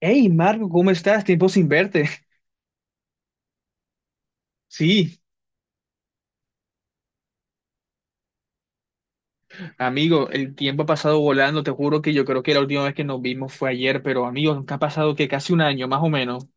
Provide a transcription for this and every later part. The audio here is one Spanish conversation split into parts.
Hey, Marco, ¿cómo estás? Tiempo sin verte. Sí, amigo, el tiempo ha pasado volando. Te juro que yo creo que la última vez que nos vimos fue ayer, pero amigo, nunca ha pasado que casi un año, más o menos.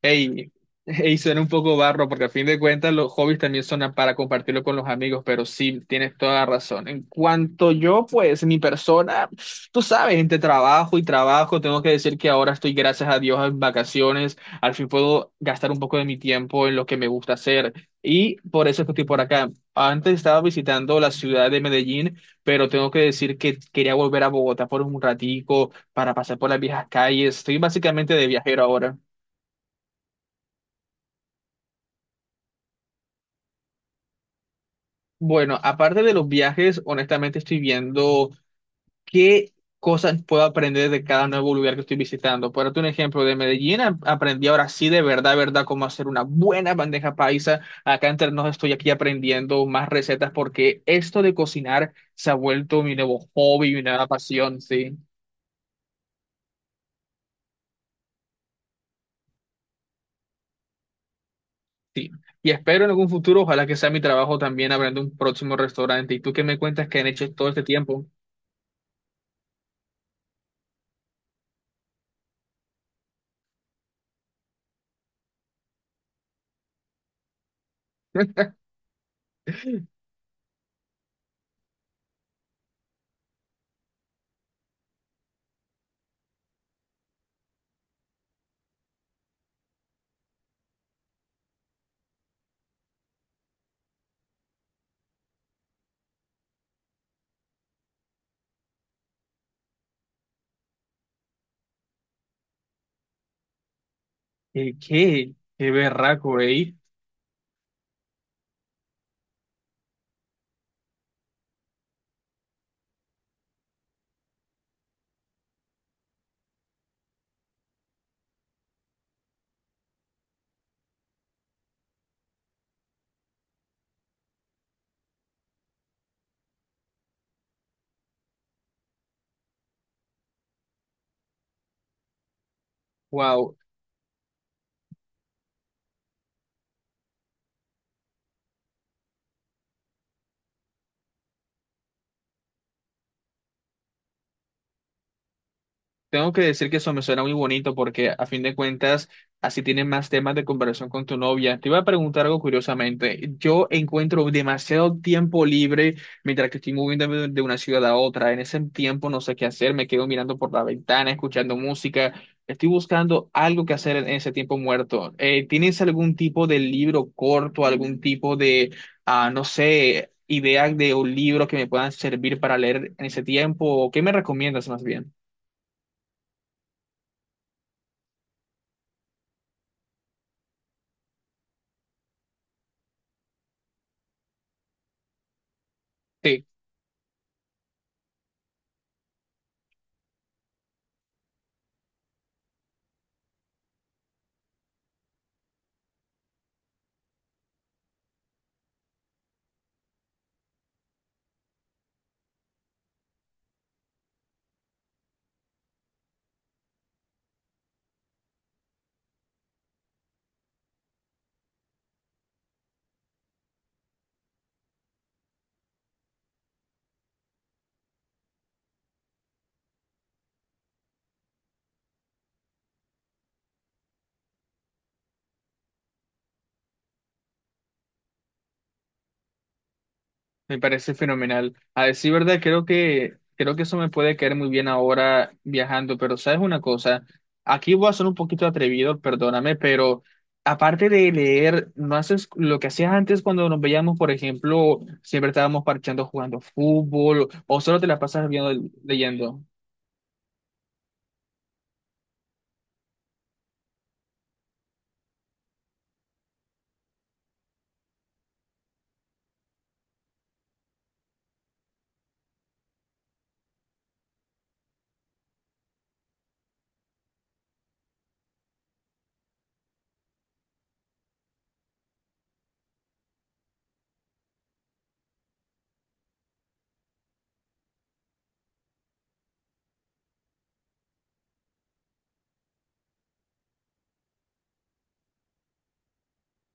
Ey, ey, suena un poco barro porque a fin de cuentas los hobbies también son para compartirlo con los amigos, pero sí, tienes toda la razón. En cuanto yo, pues mi persona, tú sabes, entre trabajo y trabajo, tengo que decir que ahora estoy, gracias a Dios, en vacaciones. Al fin puedo gastar un poco de mi tiempo en lo que me gusta hacer y por eso es que estoy por acá. Antes estaba visitando la ciudad de Medellín, pero tengo que decir que quería volver a Bogotá por un ratico para pasar por las viejas calles. Estoy básicamente de viajero ahora. Bueno, aparte de los viajes, honestamente estoy viendo qué cosas puedo aprender de cada nuevo lugar que estoy visitando. Por darte un ejemplo, de aprendí ahora sí de verdad, verdad, cómo hacer una buena bandeja paisa. Acá en Ternos estoy aquí aprendiendo más recetas porque esto de cocinar se ha vuelto mi nuevo hobby, mi nueva pasión, sí, sí. Y espero en algún futuro, ojalá que sea mi trabajo también abriendo un próximo restaurante. ¿Y tú qué me cuentas que han hecho todo este tiempo? ¿Qué berraco, eh? Wow. Tengo que decir que eso me suena muy bonito porque a fin de cuentas así tienes más temas de conversación con tu novia. Te iba a preguntar algo curiosamente. Yo encuentro demasiado tiempo libre mientras que estoy moviéndome de una ciudad a otra. En ese tiempo no sé qué hacer, me quedo mirando por la ventana, escuchando música. Estoy buscando algo que hacer en ese tiempo muerto. ¿Tienes algún tipo de libro corto, algún tipo de, no sé, idea de un libro que me puedan servir para leer en ese tiempo? ¿O qué me recomiendas más bien? Sí. Me parece fenomenal. A decir verdad, creo que eso me puede caer muy bien ahora viajando, pero ¿sabes una cosa? Aquí voy a ser un poquito atrevido, perdóname, pero aparte de leer, ¿no haces lo que hacías antes cuando nos veíamos, por ejemplo, siempre estábamos parchando jugando fútbol o solo te la pasas viendo, leyendo?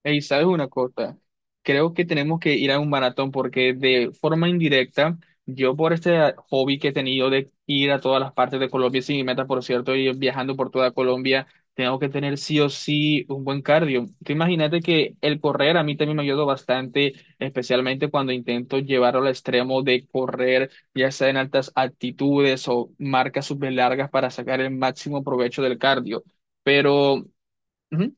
Ey, ¿sabes una cosa? Creo que tenemos que ir a un maratón porque de forma indirecta, yo por este hobby que he tenido de ir a todas las partes de Colombia, sin mi meta, por cierto, y viajando por toda Colombia, tengo que tener sí o sí un buen cardio. Tú imagínate que el correr a mí también me ayudó bastante, especialmente cuando intento llevarlo al extremo de correr, ya sea en altas altitudes o marcas súper largas para sacar el máximo provecho del cardio. Pero, ujú,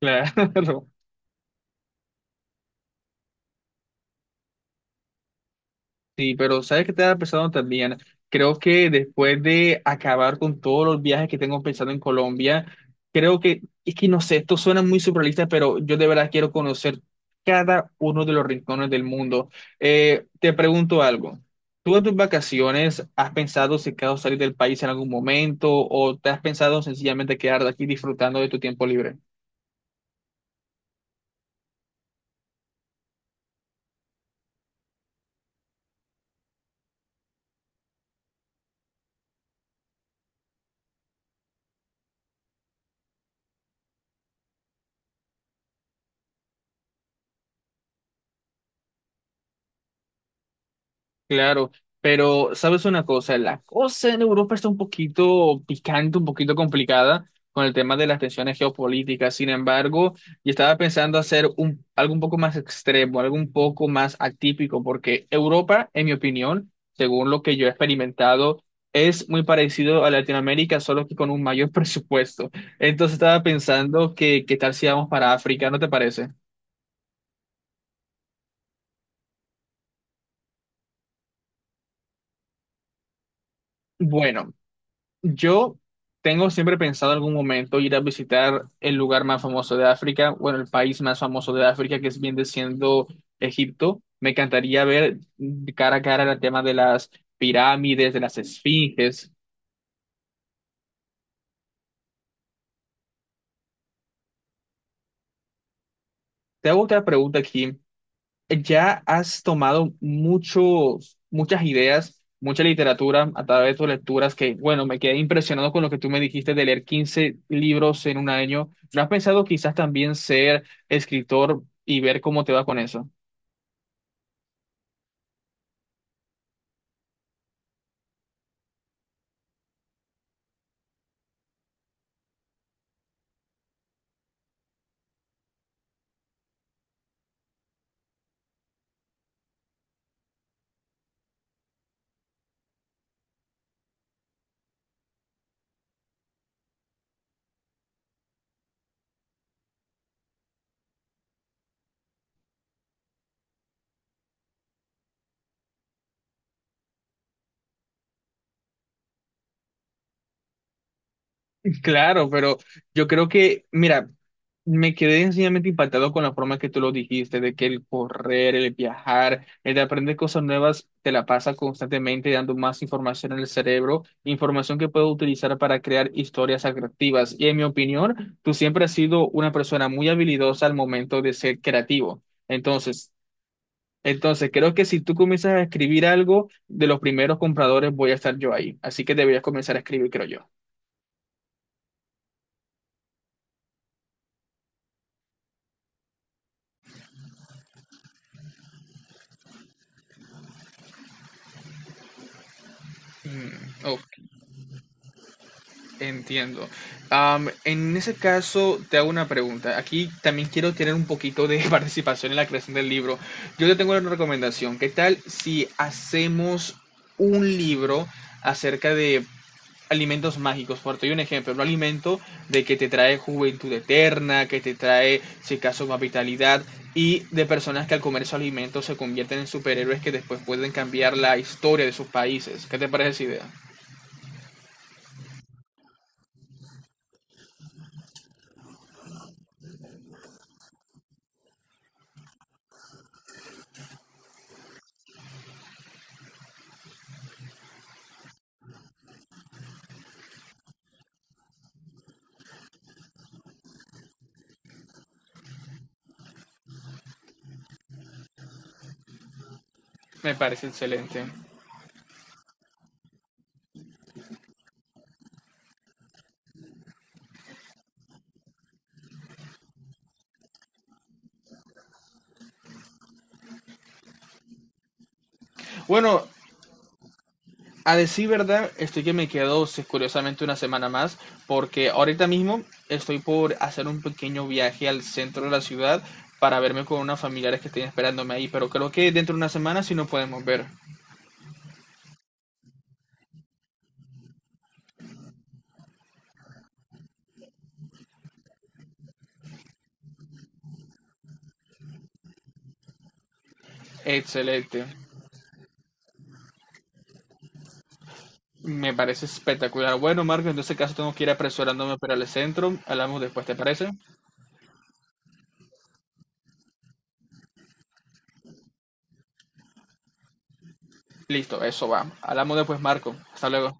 claro, Sí, pero ¿sabes qué estaba pensando también? Creo que después de acabar con todos los viajes que tengo pensado en Colombia, es que no sé, esto suena muy surrealista, pero yo de verdad quiero conocer cada uno de los rincones del mundo. Te pregunto algo. ¿Tú en tus vacaciones has pensado si acaso salir del país en algún momento o te has pensado sencillamente quedar aquí disfrutando de tu tiempo libre? Claro, pero sabes una cosa, la cosa en Europa está un poquito picante, un poquito complicada con el tema de las tensiones geopolíticas. Sin embargo, yo estaba pensando algo un poco más extremo, algo un poco más atípico, porque Europa, en mi opinión, según lo que yo he experimentado, es muy parecido a Latinoamérica, solo que con un mayor presupuesto. Entonces estaba pensando que qué tal si vamos para África, ¿no te parece? Bueno. Yo tengo siempre pensado en algún momento ir a visitar el lugar más famoso de África, bueno, el país más famoso de África, que es bien siendo Egipto. Me encantaría ver cara a cara el tema de las pirámides, de las esfinges. Te hago otra pregunta aquí. Ya has tomado muchas ideas, mucha literatura a través de tus lecturas que, bueno, me quedé impresionado con lo que tú me dijiste de leer 15 libros en un año. ¿No has pensado quizás también ser escritor y ver cómo te va con eso? Claro, pero yo creo que, mira, me quedé sencillamente impactado con la forma que tú lo dijiste, de que el correr, el viajar, el de aprender cosas nuevas, te la pasa constantemente dando más información en el cerebro, información que puedo utilizar para crear historias atractivas. Y en mi opinión, tú siempre has sido una persona muy habilidosa al momento de ser creativo. Entonces, entonces, creo que si tú comienzas a escribir algo, de los primeros compradores voy a estar yo ahí. Así que deberías comenzar a escribir, creo yo. Mm, entiendo. Am, en ese caso, te hago una pregunta. Aquí también quiero tener un poquito de participación en la creación del libro. Yo te tengo una recomendación. ¿Qué tal si hacemos un libro acerca de alimentos mágicos? Por te doy un ejemplo, un alimento de que te trae juventud eterna, que te trae, si acaso, más vitalidad, y de personas que al comer esos alimentos se convierten en superhéroes que después pueden cambiar la historia de sus países. ¿Qué te parece esa idea? Me parece excelente. Bueno, a decir verdad, estoy que me quedo sí, curiosamente una semana más, porque ahorita mismo estoy por hacer un pequeño viaje al centro de la ciudad para verme con unos familiares que estén esperándome ahí, pero creo que dentro de una semana sí nos podemos ver. Excelente, me parece espectacular. Bueno, Marco, en ese caso tengo que ir apresurándome para el centro. Hablamos después, ¿te parece? Listo, eso va. Hablamos después, Marco. Hasta luego.